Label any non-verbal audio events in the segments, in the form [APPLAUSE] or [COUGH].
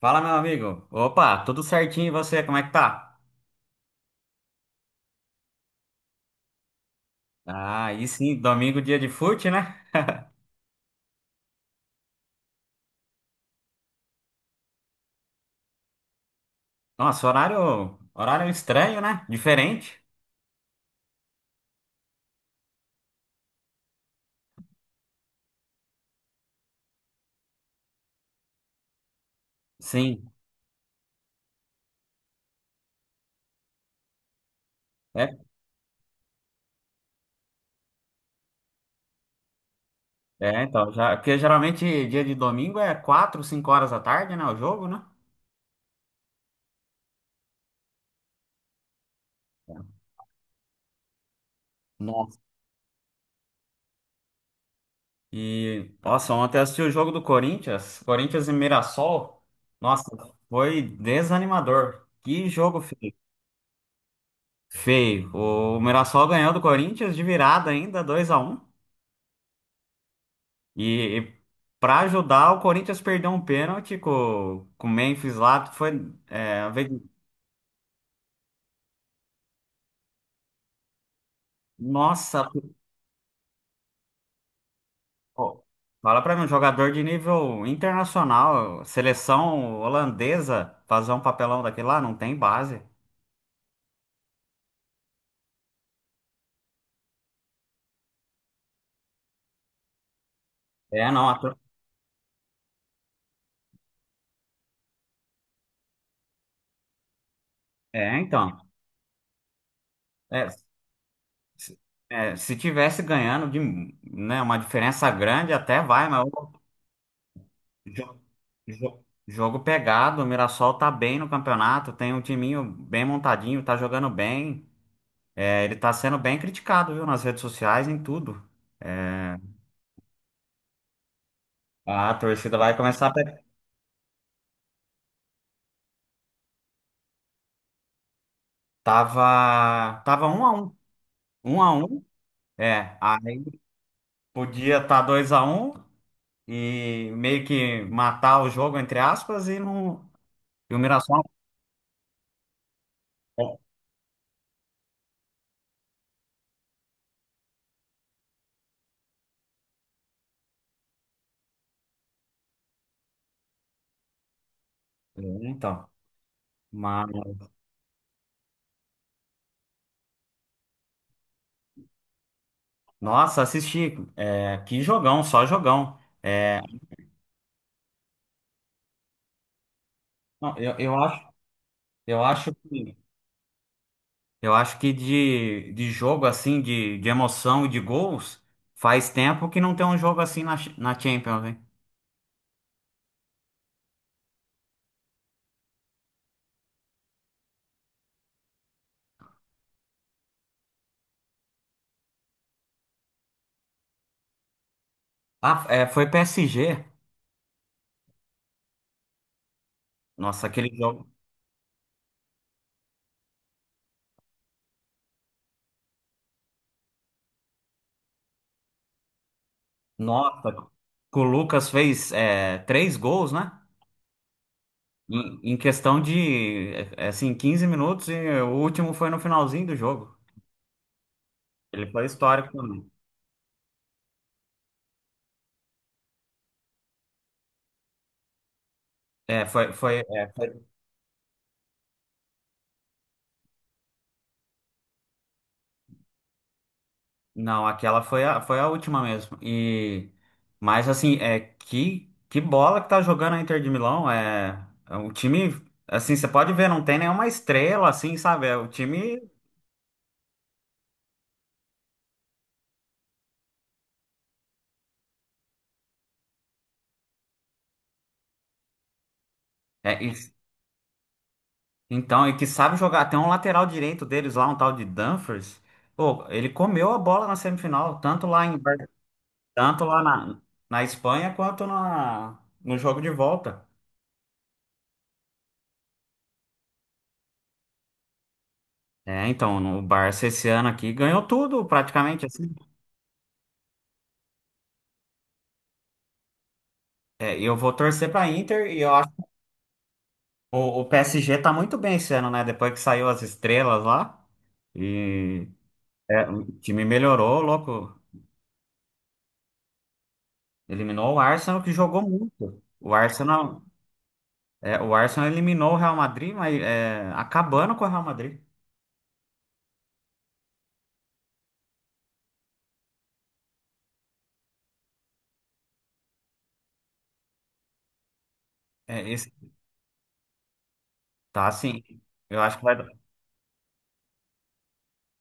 Fala, meu amigo. Opa, tudo certinho e você? Como é que tá? Ah, e sim, domingo, dia de fute, né? Nossa, horário estranho, né? Diferente. Sim. É, porque geralmente dia de domingo é 4, 5 horas da tarde, né? O jogo, né? Nossa. Nossa, ontem eu assisti o jogo do Corinthians, Mirassol. Nossa, foi desanimador. Que jogo feio. Feio. O Mirassol ganhou do Corinthians de virada ainda, dois a um. E para ajudar, o Corinthians perdeu um pênalti com o Memphis lá. Foi, é, a vez- Nossa, pô, fala para mim, um jogador de nível internacional, seleção holandesa, fazer um papelão daquele lá, não tem base. É, não, a tro- é, então. É, se, se tivesse ganhando de, né, uma diferença grande, até vai, mas o jo- jogo pegado, o Mirassol tá bem no campeonato, tem um timinho bem montadinho, tá jogando bem. É, ele tá sendo bem criticado, viu, nas redes sociais, em tudo. É, a torcida vai começar a... Tava um a um. Um a um. É, aí podia estar dois a um e meio que matar o jogo, entre aspas, e não... E o Mirassol... É, é, Então, mas... Nossa, assisti. É, que jogão, só jogão. É, não, eu acho que... Eu acho que de jogo assim, de emoção e de gols, faz tempo que não tem um jogo assim na, na Champions, hein? Ah, é, foi PSG. Nossa, aquele jogo. Nossa, que o Lucas fez três gols, né? Em questão de, é, assim, 15 minutos e o último foi no finalzinho do jogo. Ele foi histórico também. É, foi, foi, é, foi Não, foi a última mesmo. E mas assim, é que bola que tá jogando a Inter de Milão, é, é um time assim, você pode ver, não tem nenhuma estrela assim, sabe? É o time é, e- e que sabe jogar, tem um lateral direito deles lá, um tal de Dumfries. Pô, ele comeu a bola na semifinal, tanto lá na Espanha quanto no jogo de volta. É, então, o Barça esse ano aqui ganhou tudo, praticamente assim. É, eu vou torcer pra Inter e eu O PSG tá muito bem esse ano, né? Depois que saiu as estrelas lá. E é, o time melhorou, louco. Eliminou o Arsenal, que jogou muito. O Arsenal eliminou o Real Madrid, mas é, acabando com o Real Madrid. É, esse, tá assim. Eu acho que vai,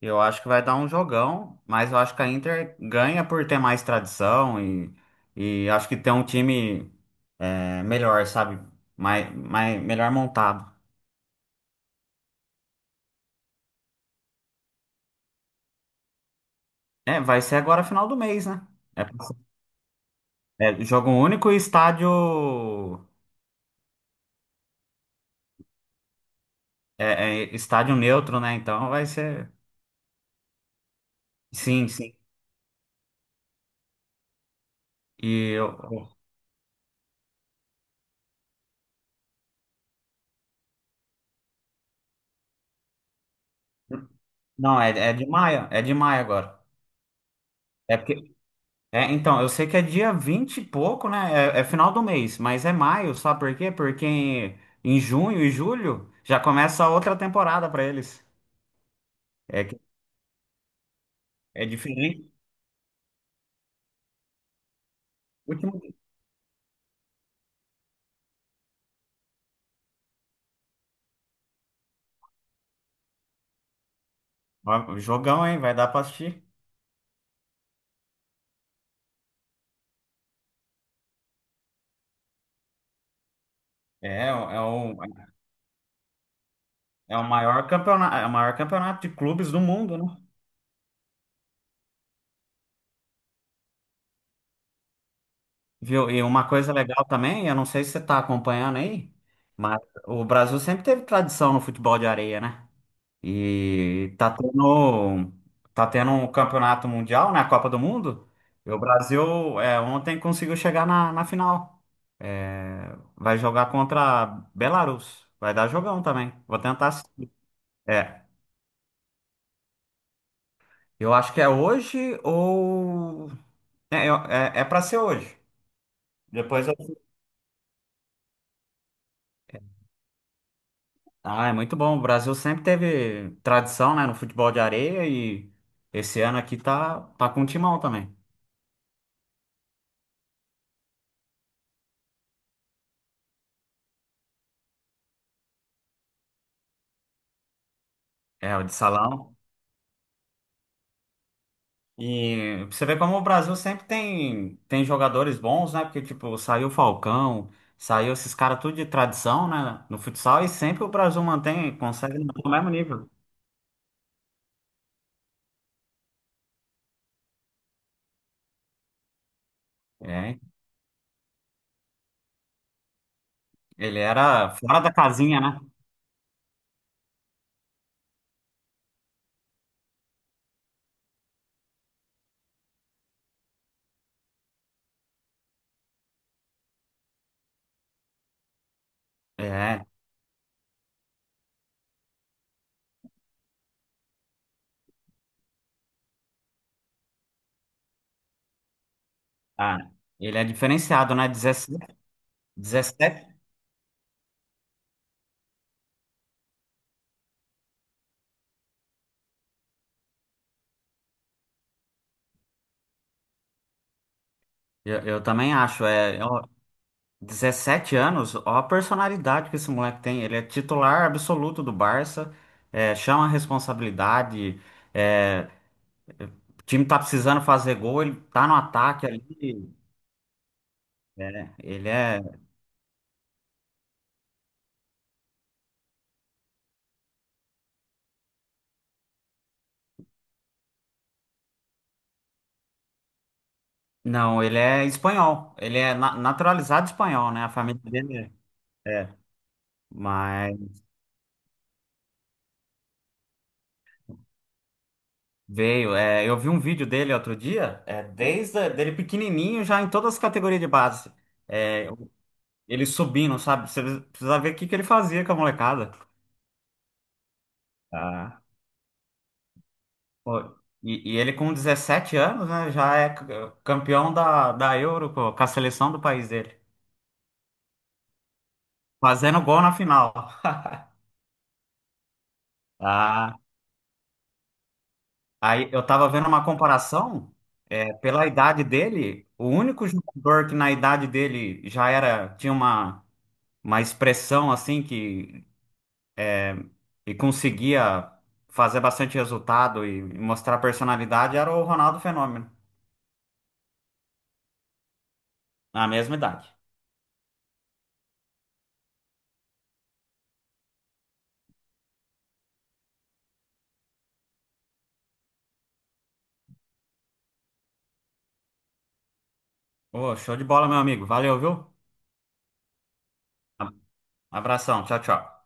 eu acho que vai dar um jogão, mas eu acho que a Inter ganha por ter mais tradição e acho que tem um time é, melhor, sabe? Melhor montado. É, vai ser agora final do mês, né? É, é jogo único e estádio. É, é estádio neutro, né? Então vai ser. Sim, sim. E eu. eu- Não, é, é de maio. É de maio agora. É porque. É, então, eu sei que é dia 20 e pouco, né? É, é final do mês, mas é maio, sabe por quê? Porque em junho e julho já começa outra temporada pra eles. É, que- é diferente. Último. Ó, jogão, hein? Vai dar pra assistir. É, é um. É o maior campeonato, é o maior campeonato de clubes do mundo, né? Viu? E uma coisa legal também, eu não sei se você está acompanhando aí, mas o Brasil sempre teve tradição no futebol de areia, né? E tá tendo um campeonato mundial, né? A Copa do Mundo. E o Brasil é, ontem conseguiu chegar na final. É, vai jogar contra a Belarus. Vai dar jogão também. Vou tentar assistir. É, eu acho que é hoje ou. É, eu- é, é para ser hoje. Depois eu Ah, é muito bom. O Brasil sempre teve tradição, né, no futebol de areia e esse ano aqui tá com um timão também. É, o de salão. E você vê como o Brasil sempre tem jogadores bons, né? Porque, tipo, saiu o Falcão, saiu esses caras tudo de tradição, né, no futsal e sempre o Brasil mantém, consegue manter o mesmo nível. É, ele era fora da casinha, né? É, ah, ele é diferenciado, né? 17? 17, eu também acho. É, 17 anos, ó a personalidade que esse moleque tem. Ele é titular absoluto do Barça, é, chama a responsabilidade, é, o time tá precisando fazer gol, ele tá no ataque ali. É, ele é. Não, ele é espanhol. Ele é naturalizado espanhol, né? A família dele é. é, mas veio. É, eu vi um vídeo dele outro dia, é, dele pequenininho, já em todas as categorias de base. É, ele subindo, sabe? Você precisa ver o que que ele fazia com a molecada. Pô, e ele com 17 anos, né, já é é, campeão da, da Euro pô, com a seleção do país dele, fazendo gol na final. [LAUGHS] Ah, aí eu tava vendo uma comparação, é, pela idade dele, o único jogador que na idade dele já era, tinha uma expressão assim que conseguia fazer bastante resultado e mostrar personalidade era o Ronaldo Fenômeno, na mesma idade. Ô, show de bola, meu amigo. Valeu, viu? Abração, tchau, tchau.